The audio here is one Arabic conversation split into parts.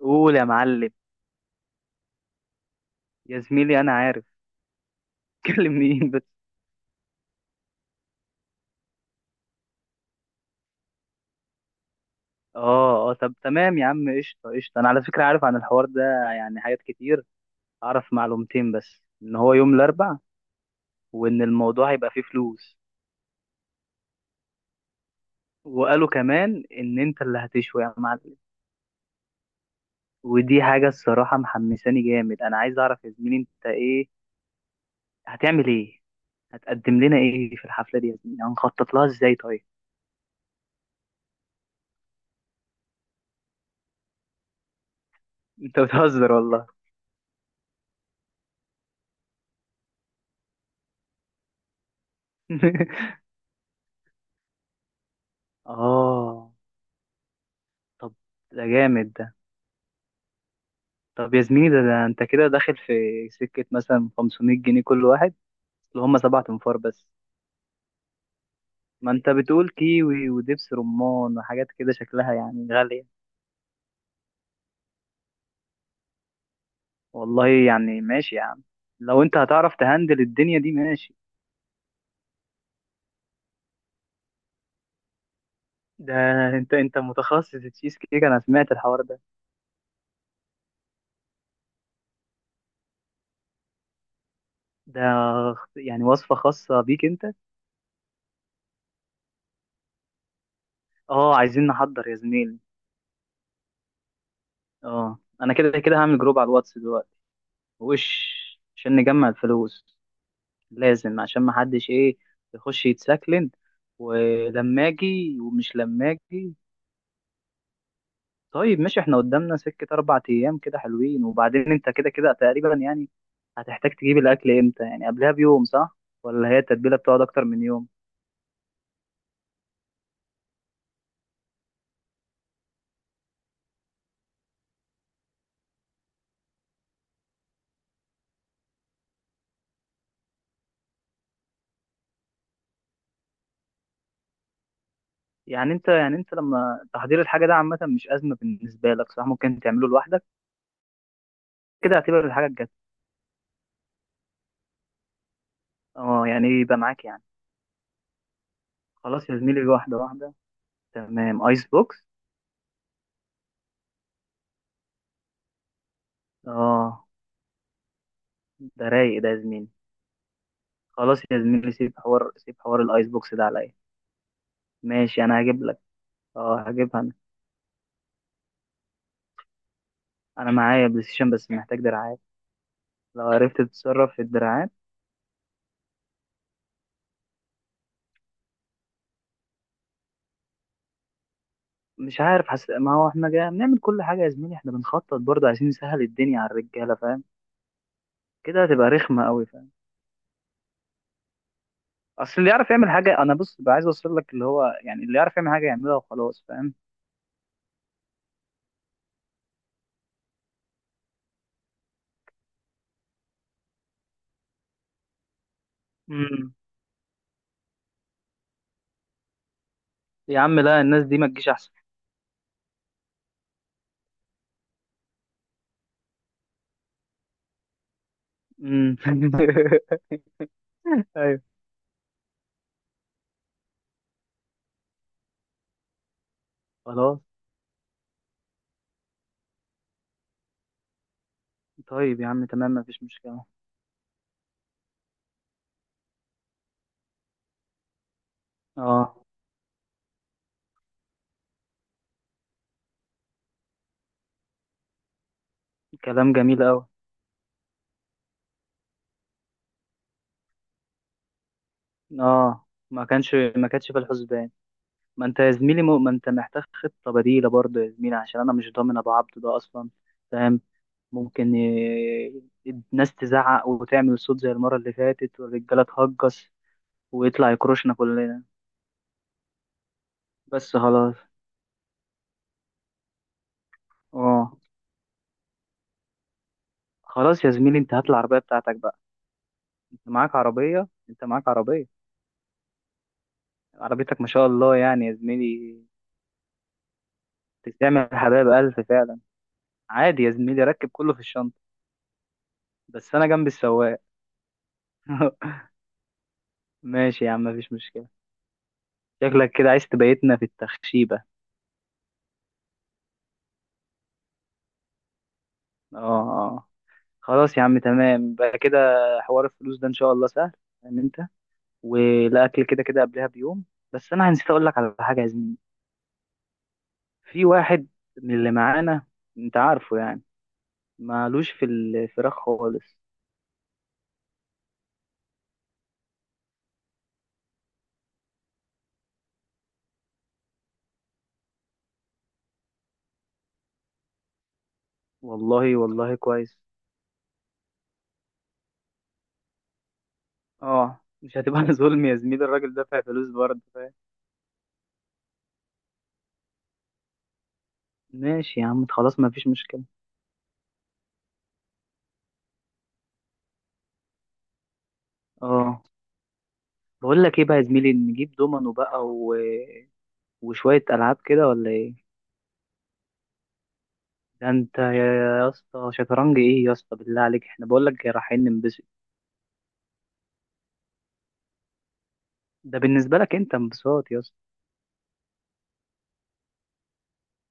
قول يا معلم. يا زميلي انا عارف. تكلم مين بس؟ اه، طب تمام يا عم، قشطه قشطه، انا على فكره عارف عن الحوار ده، يعني حاجات كتير. اعرف معلومتين بس، ان هو يوم الاربع، وان الموضوع هيبقى فيه فلوس. وقالوا كمان ان انت اللي هتشوي يا معلم. ودي حاجه الصراحه محمساني جامد. انا عايز اعرف يا زميلي انت ايه، هتعمل ايه؟ هتقدم لنا ايه في الحفله دي يا زميلي؟ هنخطط لها ازاي طيب؟ انت بتهزر والله. اه، طب ده جامد. طب يا زميلي ده انت كده داخل في سكة مثلا 500 جنيه كل واحد، اللي هم سبعة انفار بس. ما انت بتقول كيوي ودبس رمان وحاجات كده شكلها يعني غالية. والله يعني ماشي يا عم، لو انت هتعرف تهندل الدنيا دي ماشي. ده انت متخصص تشيز كيك، انا سمعت الحوار ده. ده يعني وصفة خاصة بيك انت؟ اه عايزين نحضر يا زميلي. اه انا كده كده هعمل جروب على الواتس دلوقتي. وش، عشان نجمع الفلوس. لازم، عشان ما حدش ايه، يخش يتسكلن. ولما اجي ومش لما اجي. طيب ماشي، احنا قدامنا سكة 4 ايام كده حلوين، وبعدين انت كده كده تقريبا يعني هتحتاج تجيب الاكل امتى يعني؟ قبلها بيوم صح، ولا هي التتبيلة بتقعد اكتر من يوم؟ يعني انت لما تحضير الحاجة ده عامة مش ازمة بالنسبة لك صح؟ ممكن تعمله لوحدك. كده اعتبر الحاجة جت. اه يعني ايه، يبقى معاك يعني. خلاص يا زميلي، واحدة واحدة. تمام ايس بوكس. اه، ده رايق ده يا زميلي. خلاص يا زميلي، سيب حوار، سيب حوار الايس بوكس ده عليا. ماشي انا هجيب لك، اه هجيبها انا. انا معايا بلاي ستيشن بس محتاج دراعات. لو عرفت تتصرف في الدراعات. مش عارف ما هو احنا جاي بنعمل كل حاجه يا زميلي، احنا بنخطط برضه عايزين نسهل الدنيا على الرجاله فاهم؟ كده هتبقى رخمه قوي فاهم. اصل اللي يعرف يعمل حاجه، انا بص بقى، عايز اوصل لك اللي هو يعني اللي يعرف يعمل حاجه يعملها وخلاص فاهم. امم يا عم لا، الناس دي ما تجيش احسن. امم ايوه. خلاص. طيب يا عم تمام، مفيش مشكله. اه كلام جميل قوي. اه ما كانش، ما كانتش في الحسبان. ما انت يا زميلي م... ما انت محتاج خطة بديلة برضه يا زميلي، عشان انا مش ضامن ابو عبده ده اصلا فاهم. ممكن ي... الناس تزعق وتعمل صوت زي المرة اللي فاتت، والرجالة تهجص، ويطلع يكروشنا كلنا. بس خلاص. اه خلاص يا زميلي، انت هات العربية بتاعتك بقى. انت معاك عربية. عربيتك ما شاء الله يعني يا زميلي، تستعمل حبايب ألف فعلا. عادي يا زميلي، ركب كله في الشنطة. بس انا جنب السواق. ماشي يا عم، مفيش مشكلة. شكلك كده عايز تبيتنا في التخشيبة. اه. خلاص يا عم تمام بقى كده. حوار الفلوس ده ان شاء الله سهل، ان انت. والاكل كده كده قبلها بيوم. بس انا نسيت اقول لك على حاجة يا زميلي. في واحد من اللي معانا، انت عارفه يعني، مالوش في الفراخ خالص. والله والله كويس. اه، مش هتبقى ظلم يا زميلي، الراجل دافع فلوس برضه فاهم. ماشي يا عم، خلاص مفيش مشكلة. اه بقول لك ايه بقى يا زميلي، نجيب دومينو بقى وشوية ألعاب كده ولا إيه؟ ده أنت يا اسطى، شطرنج إيه يا اسطى بالله عليك، إحنا بقولك رايحين ننبسط. ده بالنسبة لك أنت انبساط يا اسطى.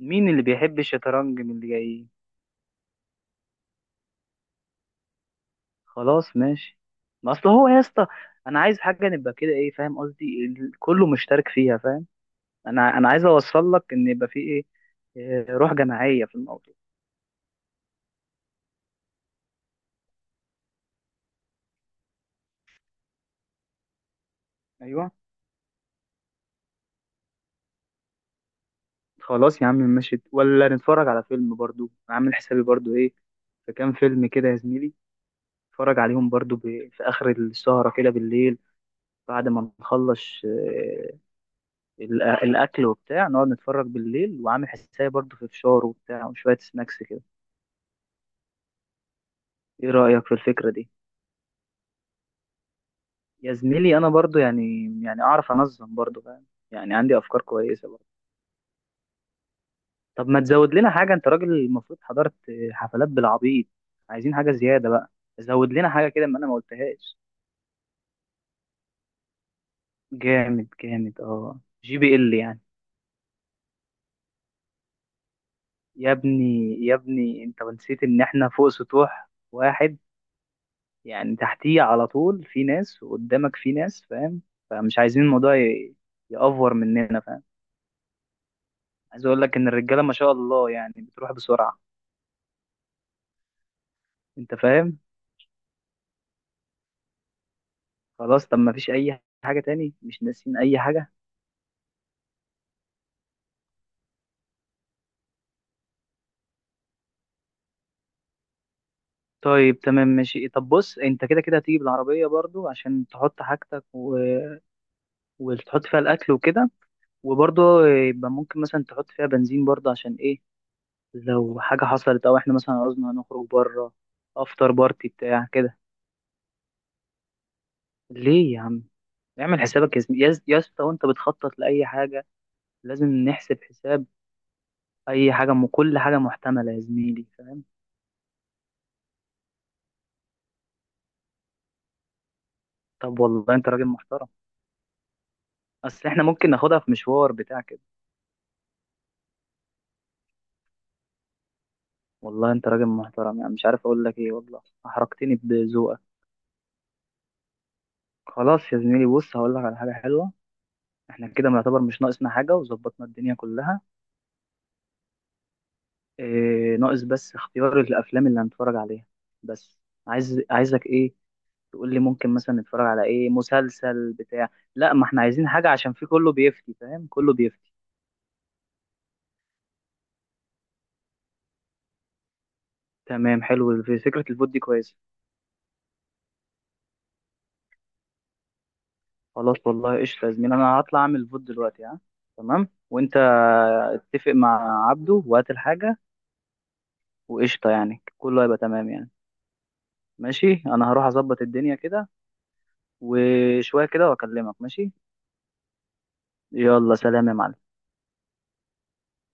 مين اللي بيحب الشطرنج من اللي جايين؟ خلاص ماشي. ما أصل هو يا اسطى، أنا عايز حاجة نبقى كده إيه، فاهم قصدي، كله مشترك فيها فاهم. أنا عايز أوصل لك إن يبقى في إيه إيه، روح جماعية في الموضوع. أيوه. خلاص يا عم ماشي، ولا نتفرج على فيلم برضو عامل حسابي برضو إيه؟ في كام فيلم كده يا زميلي اتفرج عليهم برضو في اخر السهره كده بالليل، بعد ما نخلص الاكل وبتاع، نقعد نتفرج بالليل، وعامل حسابي برضو في فشار وبتاع وشويه سناكس كده. ايه رايك في الفكره دي؟ يا زميلي انا برضو يعني، يعني اعرف انظم برضو فاهم، يعني عندي افكار كويسه برضو. طب ما تزود لنا حاجه، انت راجل المفروض حضرت حفلات بالعبيط. عايزين حاجه زياده بقى، زود لنا حاجه كده ما انا ما قلتهاش. جامد اه، جي بي ال يعني. يا ابني يا ابني انت نسيت ان احنا فوق سطوح واحد، يعني تحتيه على طول في ناس، وقدامك في ناس فاهم. فمش عايزين الموضوع يأفور مننا فاهم. عايز اقول لك ان الرجاله ما شاء الله يعني بتروح بسرعه، انت فاهم. خلاص، طب ما فيش اي حاجه تاني مش ناسين اي حاجه؟ طيب تمام ماشي، طب بص انت كده كده هتيجي بالعربيه برضو عشان تحط حاجتك وتحط فيها الاكل وكده، وبرضو يبقى ممكن مثلا تحط فيها بنزين برضو، عشان ايه، لو حاجة حصلت أو إحنا مثلا عاوزنا نخرج بره، أفطر بارتي بتاع كده. ليه يا عم؟ اعمل حسابك يا زمي- يا يا اسطى وأنت بتخطط لأي حاجة لازم نحسب حساب أي حاجة كل حاجة محتملة يا زميلي فاهم؟ طب والله أنت راجل محترم، أصل إحنا ممكن ناخدها في مشوار بتاع كده. والله أنت راجل محترم، يعني مش عارف أقول لك إيه، والله أحرجتني بذوقك. خلاص يا زميلي، بص هقول لك على حاجة حلوة. إحنا كده يعتبر مش ناقصنا حاجة وظبطنا الدنيا كلها. إيه ناقص بس اختيار الافلام اللي هنتفرج عليها بس. عايزك ايه، تقول لي ممكن مثلا نتفرج على ايه، مسلسل بتاع. لا ما احنا عايزين حاجه، عشان في كله بيفتي فاهم، كله بيفتي. تمام حلو، في فكره الفوت دي كويسه. خلاص والله قشطه يا زميلي، انا هطلع اعمل فوت دلوقتي ها. تمام، وانت اتفق مع عبده وهات الحاجه، وقشطه يعني كله هيبقى تمام يعني. ماشي، انا هروح اظبط الدنيا كده، وشويه كده واكلمك ماشي. يلا سلام يا معلم.